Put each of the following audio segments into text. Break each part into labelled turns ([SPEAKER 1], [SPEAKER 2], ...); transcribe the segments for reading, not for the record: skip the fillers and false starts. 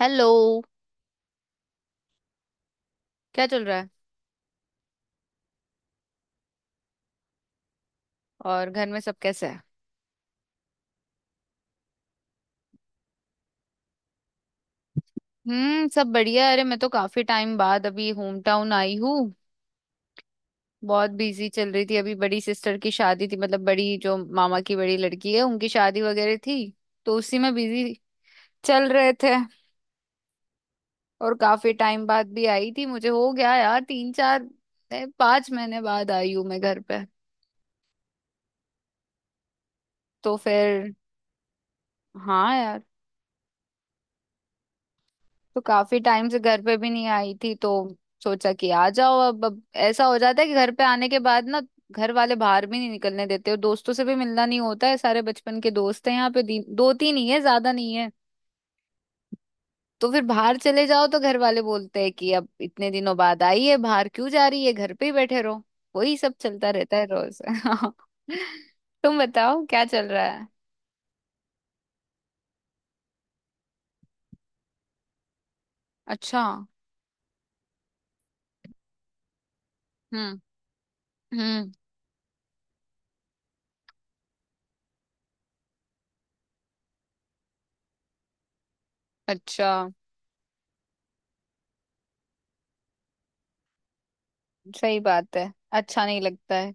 [SPEAKER 1] Hello. क्या चल रहा है? और घर में सब कैसे है? हम्म, सब बढ़िया है। अरे, मैं तो काफी टाइम बाद अभी होम टाउन आई हूँ। बहुत बिजी चल रही थी, अभी बड़ी सिस्टर की शादी थी, मतलब बड़ी जो मामा की बड़ी लड़की है उनकी शादी वगैरह थी, तो उसी में बिजी चल रहे थे। और काफी टाइम बाद भी आई थी, मुझे हो गया यार 3-4 5 महीने बाद आई हूँ मैं घर पे। तो फिर हाँ यार, तो काफी टाइम से घर पे भी नहीं आई थी, तो सोचा कि आ जाओ अब। ऐसा हो जाता है कि घर पे आने के बाद ना, घर वाले बाहर भी नहीं निकलने देते और दोस्तों से भी मिलना नहीं होता है। सारे बचपन के दोस्त हैं यहाँ पे 2-3 ही है, ज्यादा नहीं है। तो फिर बाहर चले जाओ तो घर वाले बोलते हैं कि अब इतने दिनों बाद आई है, बाहर क्यों जा रही है, घर पे ही बैठे रहो। वही सब चलता रहता है रोज तुम बताओ क्या चल रहा है? अच्छा। हम्म हम्म। अच्छा। सही बात है। अच्छा नहीं लगता है।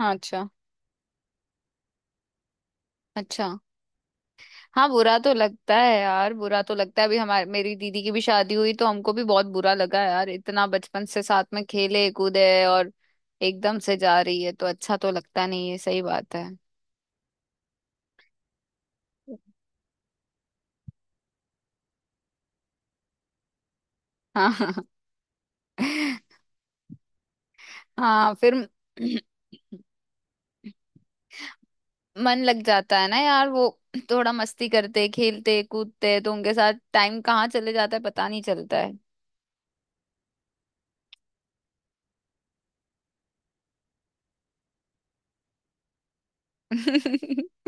[SPEAKER 1] हाँ, अच्छा। अच्छा। हाँ, बुरा तो लगता है यार, बुरा तो लगता है। अभी हमारे मेरी दीदी की भी शादी हुई तो हमको भी बहुत बुरा लगा यार, इतना बचपन से साथ में खेले कूदे और एकदम से जा रही है, तो अच्छा तो लगता नहीं है। सही बात है। हाँ हाँ फिर मन लग जाता है ना यार, वो थोड़ा मस्ती करते खेलते कूदते तो उनके साथ टाइम कहाँ चले जाता है, पता नहीं चलता है। तो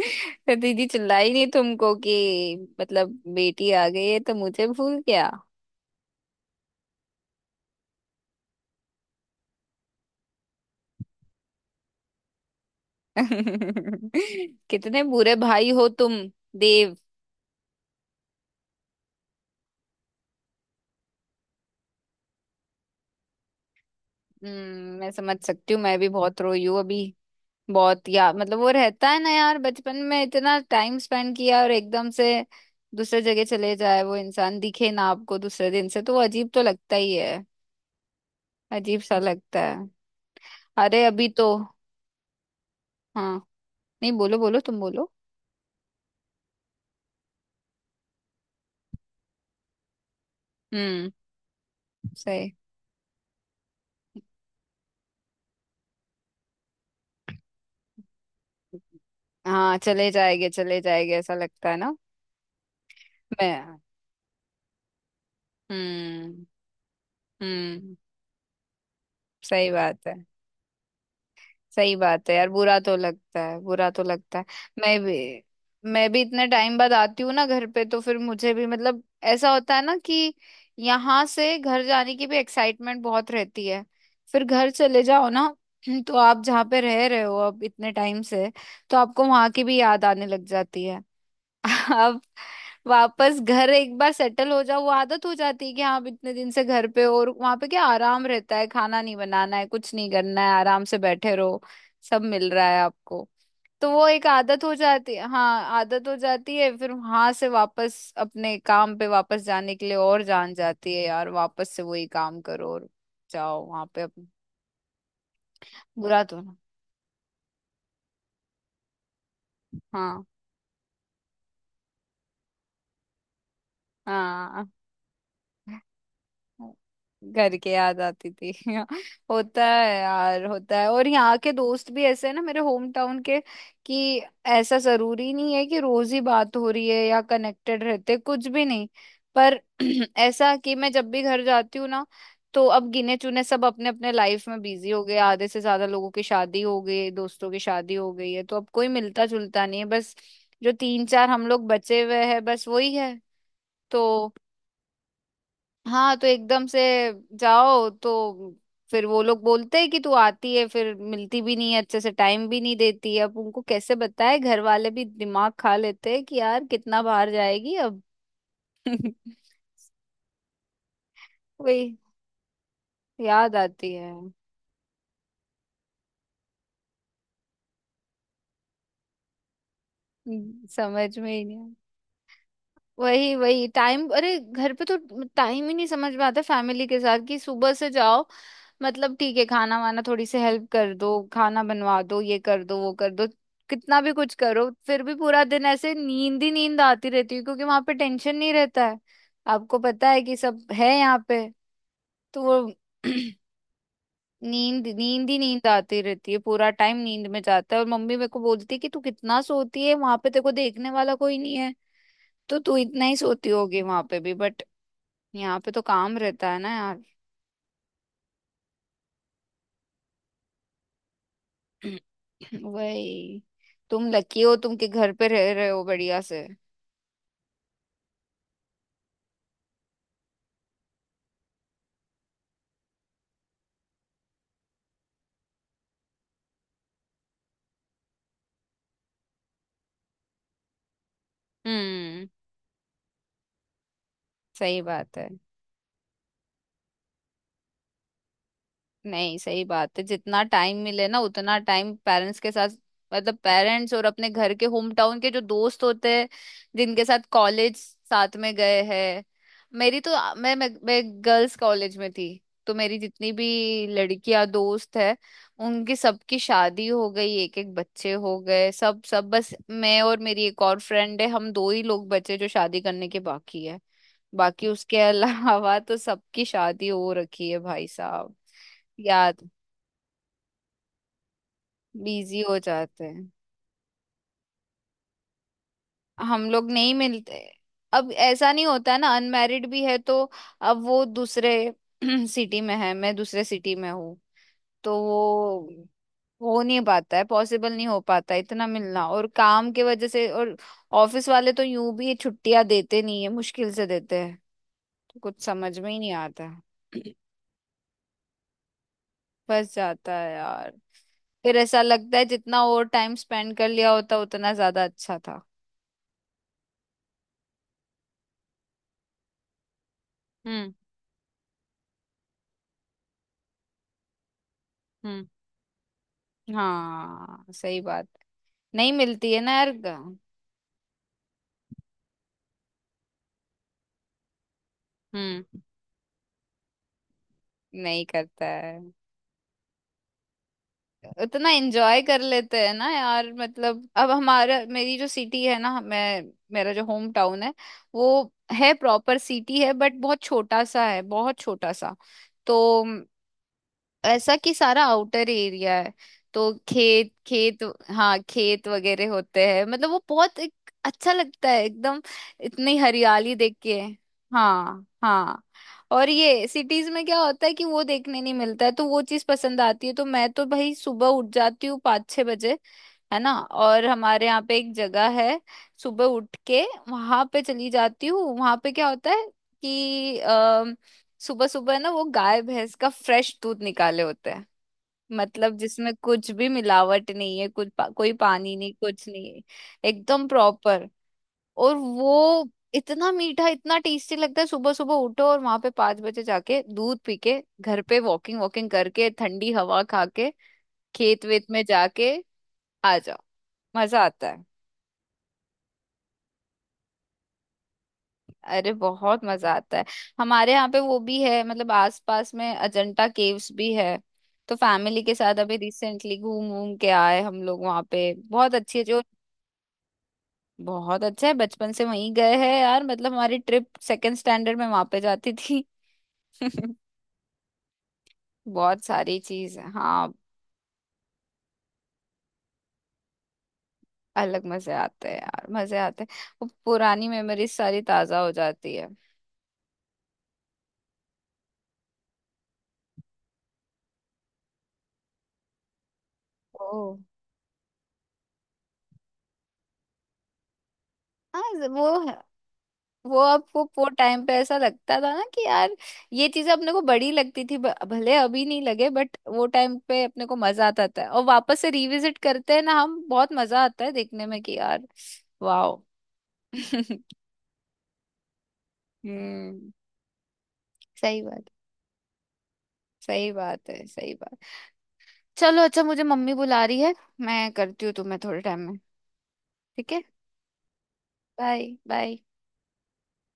[SPEAKER 1] दीदी चिल्लाई नहीं तुमको कि मतलब बेटी आ गई है तो मुझे भूल गया? कितने बुरे भाई हो तुम देव। मैं समझ सकती हूँ, मैं भी बहुत रोई हूँ अभी बहुत। या मतलब वो रहता है ना यार, बचपन में इतना टाइम स्पेंड किया और एकदम से दूसरे जगह चले जाए, वो इंसान दिखे ना आपको दूसरे दिन से, तो वो अजीब तो लगता ही है, अजीब सा लगता है। अरे अभी तो हाँ, नहीं बोलो बोलो तुम बोलो। हम्म। सही। हाँ चले जाएंगे ऐसा लगता है ना। मैं हम्म हम्म। सही बात है, सही बात है यार, बुरा तो लगता है, बुरा तो लगता है। मैं भी मैं भी इतने टाइम बाद आती हूँ ना घर पे, तो फिर मुझे भी मतलब ऐसा होता है ना कि यहाँ से घर जाने की भी एक्साइटमेंट बहुत रहती है। फिर घर चले जाओ ना तो आप जहाँ पे रह रहे हो अब इतने टाइम से, तो आपको वहां की भी याद आने लग जाती है। अब वापस घर एक बार सेटल हो जाओ, वो आदत हो जाती है कि हाँ अब इतने दिन से घर पे हो, और वहां पे क्या आराम रहता है, खाना नहीं बनाना है, कुछ नहीं करना है, आराम से बैठे रहो, सब मिल रहा है आपको, तो वो एक आदत हो जाती है। हाँ आदत हो जाती है, फिर वहां से वापस अपने काम पे वापस जाने के लिए और जान जाती है यार, वापस से वही काम करो और जाओ वहां पे बुरा तो ना, हाँ हाँ, घर के याद आती थी होता है यार होता है, और यहाँ के दोस्त भी ऐसे हैं ना मेरे होम टाउन के, कि ऐसा जरूरी नहीं है कि रोज ही बात हो रही है या कनेक्टेड रहते, कुछ भी नहीं, पर ऐसा कि मैं जब भी घर जाती हूँ ना, तो अब गिने चुने सब अपने अपने लाइफ में बिजी हो गए, आधे से ज्यादा लोगों की शादी हो गई, दोस्तों की शादी हो गई है, तो अब कोई मिलता जुलता नहीं है बस, जो 3-4 हम लोग बचे हुए हैं बस वही है। तो हाँ, तो एकदम से जाओ तो फिर वो लोग बोलते हैं कि तू आती है फिर मिलती भी नहीं है, अच्छे से टाइम भी नहीं देती है। अब उनको कैसे बताए, घर वाले भी दिमाग खा लेते हैं कि यार कितना बाहर जाएगी अब वही याद आती है। समझ में ही नहीं। वही वही टाइम, अरे घर पे तो टाइम ही नहीं समझ में आता फैमिली के साथ कि सुबह से जाओ, मतलब ठीक है खाना वाना थोड़ी सी हेल्प कर दो, खाना बनवा दो, ये कर दो वो कर दो, कितना भी कुछ करो फिर भी पूरा दिन ऐसे नींद ही नींद आती रहती है, क्योंकि वहां पे टेंशन नहीं रहता है, आपको पता है कि सब है यहाँ पे, तो वो नींद नींद ही नींद आती रहती है, पूरा टाइम नींद में जाता है और मम्मी मेरे को बोलती है कि तू कितना सोती है, वहां पे तेरे को देखने वाला कोई नहीं है, तो तू इतना ही सोती होगी वहां पे भी, बट यहाँ पे तो काम रहता है ना यार वही, तुम लकी हो तुम के घर पे रह रहे हो बढ़िया से। हम्म सही बात है, नहीं सही बात है, जितना टाइम मिले ना उतना टाइम पेरेंट्स के साथ, मतलब पेरेंट्स और अपने घर के होम टाउन के जो दोस्त होते हैं, जिनके साथ कॉलेज साथ में गए हैं। मेरी तो मैं गर्ल्स कॉलेज में थी, तो मेरी जितनी भी लड़कियां दोस्त है उनकी सबकी शादी हो गई, एक एक बच्चे हो गए, सब सब, बस मैं और मेरी एक और फ्रेंड है, हम दो ही लोग बचे जो शादी करने के बाकी है। बाकी उसके अलावा तो सबकी शादी हो रखी है भाई साहब। याद, बिजी हो जाते हैं। हम लोग नहीं मिलते, अब ऐसा नहीं होता ना, अनमैरिड भी है तो अब वो दूसरे सिटी में है, मैं दूसरे सिटी में हूँ, तो वो हो नहीं पाता है, पॉसिबल नहीं हो पाता है इतना मिलना, और काम के वजह से, और ऑफिस वाले तो यूं भी छुट्टियां देते नहीं है, मुश्किल से देते हैं, तो कुछ समझ में ही नहीं आता फंस जाता है यार, फिर ऐसा लगता है जितना और टाइम स्पेंड कर लिया होता उतना ज्यादा अच्छा था। हम्म हम्म। हाँ सही बात, नहीं मिलती है ना यार हम्म। नहीं करता है, उतना एंजॉय कर लेते हैं ना यार। मतलब अब हमारा, मेरी जो सिटी है ना, मैं, मेरा जो होम टाउन है, वो है, प्रॉपर सिटी है बट बहुत छोटा सा है, बहुत छोटा सा, तो ऐसा कि सारा आउटर एरिया है, तो खेत खेत, हाँ खेत वगैरह होते हैं, मतलब वो बहुत एक अच्छा लगता है एकदम, इतनी हरियाली देख के। हाँ हाँ, और ये सिटीज में क्या होता है कि वो देखने नहीं मिलता है, तो वो चीज पसंद आती है, तो मैं तो भाई सुबह उठ जाती हूँ 5-6 बजे, है ना, और हमारे यहाँ पे एक जगह है, सुबह उठ के वहां पे चली जाती हूँ, वहां पे क्या होता है कि सुबह सुबह ना वो गाय भैंस का फ्रेश दूध निकाले होते हैं, मतलब जिसमें कुछ भी मिलावट नहीं है, कुछ कोई पानी नहीं, कुछ नहीं है, एकदम प्रॉपर, और वो इतना मीठा इतना टेस्टी लगता है, सुबह सुबह उठो और वहां पे 5 बजे जाके दूध पी के घर पे वॉकिंग वॉकिंग करके ठंडी हवा खा के खेत वेत में जाके आ जाओ, मजा आता है। अरे बहुत मजा आता है, हमारे यहाँ पे वो भी है, मतलब आसपास में अजंता केव्स भी है, तो फैमिली के साथ अभी रिसेंटली घूम घूम के आए हम लोग वहाँ पे, बहुत अच्छी है जो, बहुत अच्छा है, बचपन से वहीं गए हैं यार, मतलब हमारी ट्रिप सेकंड स्टैंडर्ड में वहाँ पे जाती थी बहुत सारी चीज है हाँ। अलग मजे आते हैं यार, मजे आते हैं, वो पुरानी मेमोरीज सारी ताजा हो जाती है। ओ हाँ, वो वो आपको वो टाइम पे ऐसा लगता था ना कि यार ये चीजें अपने को बड़ी लगती थी, भले अभी नहीं लगे बट वो टाइम पे अपने को मजा आता था, और वापस से रिविजिट करते हैं ना हम, बहुत मजा आता है देखने में, कि यार वाओ हम्म, सही बात, सही बात है, सही बात। चलो अच्छा, मुझे मम्मी बुला रही है, मैं करती हूँ तुम्हें थोड़े टाइम में। ठीक है। Bye bye.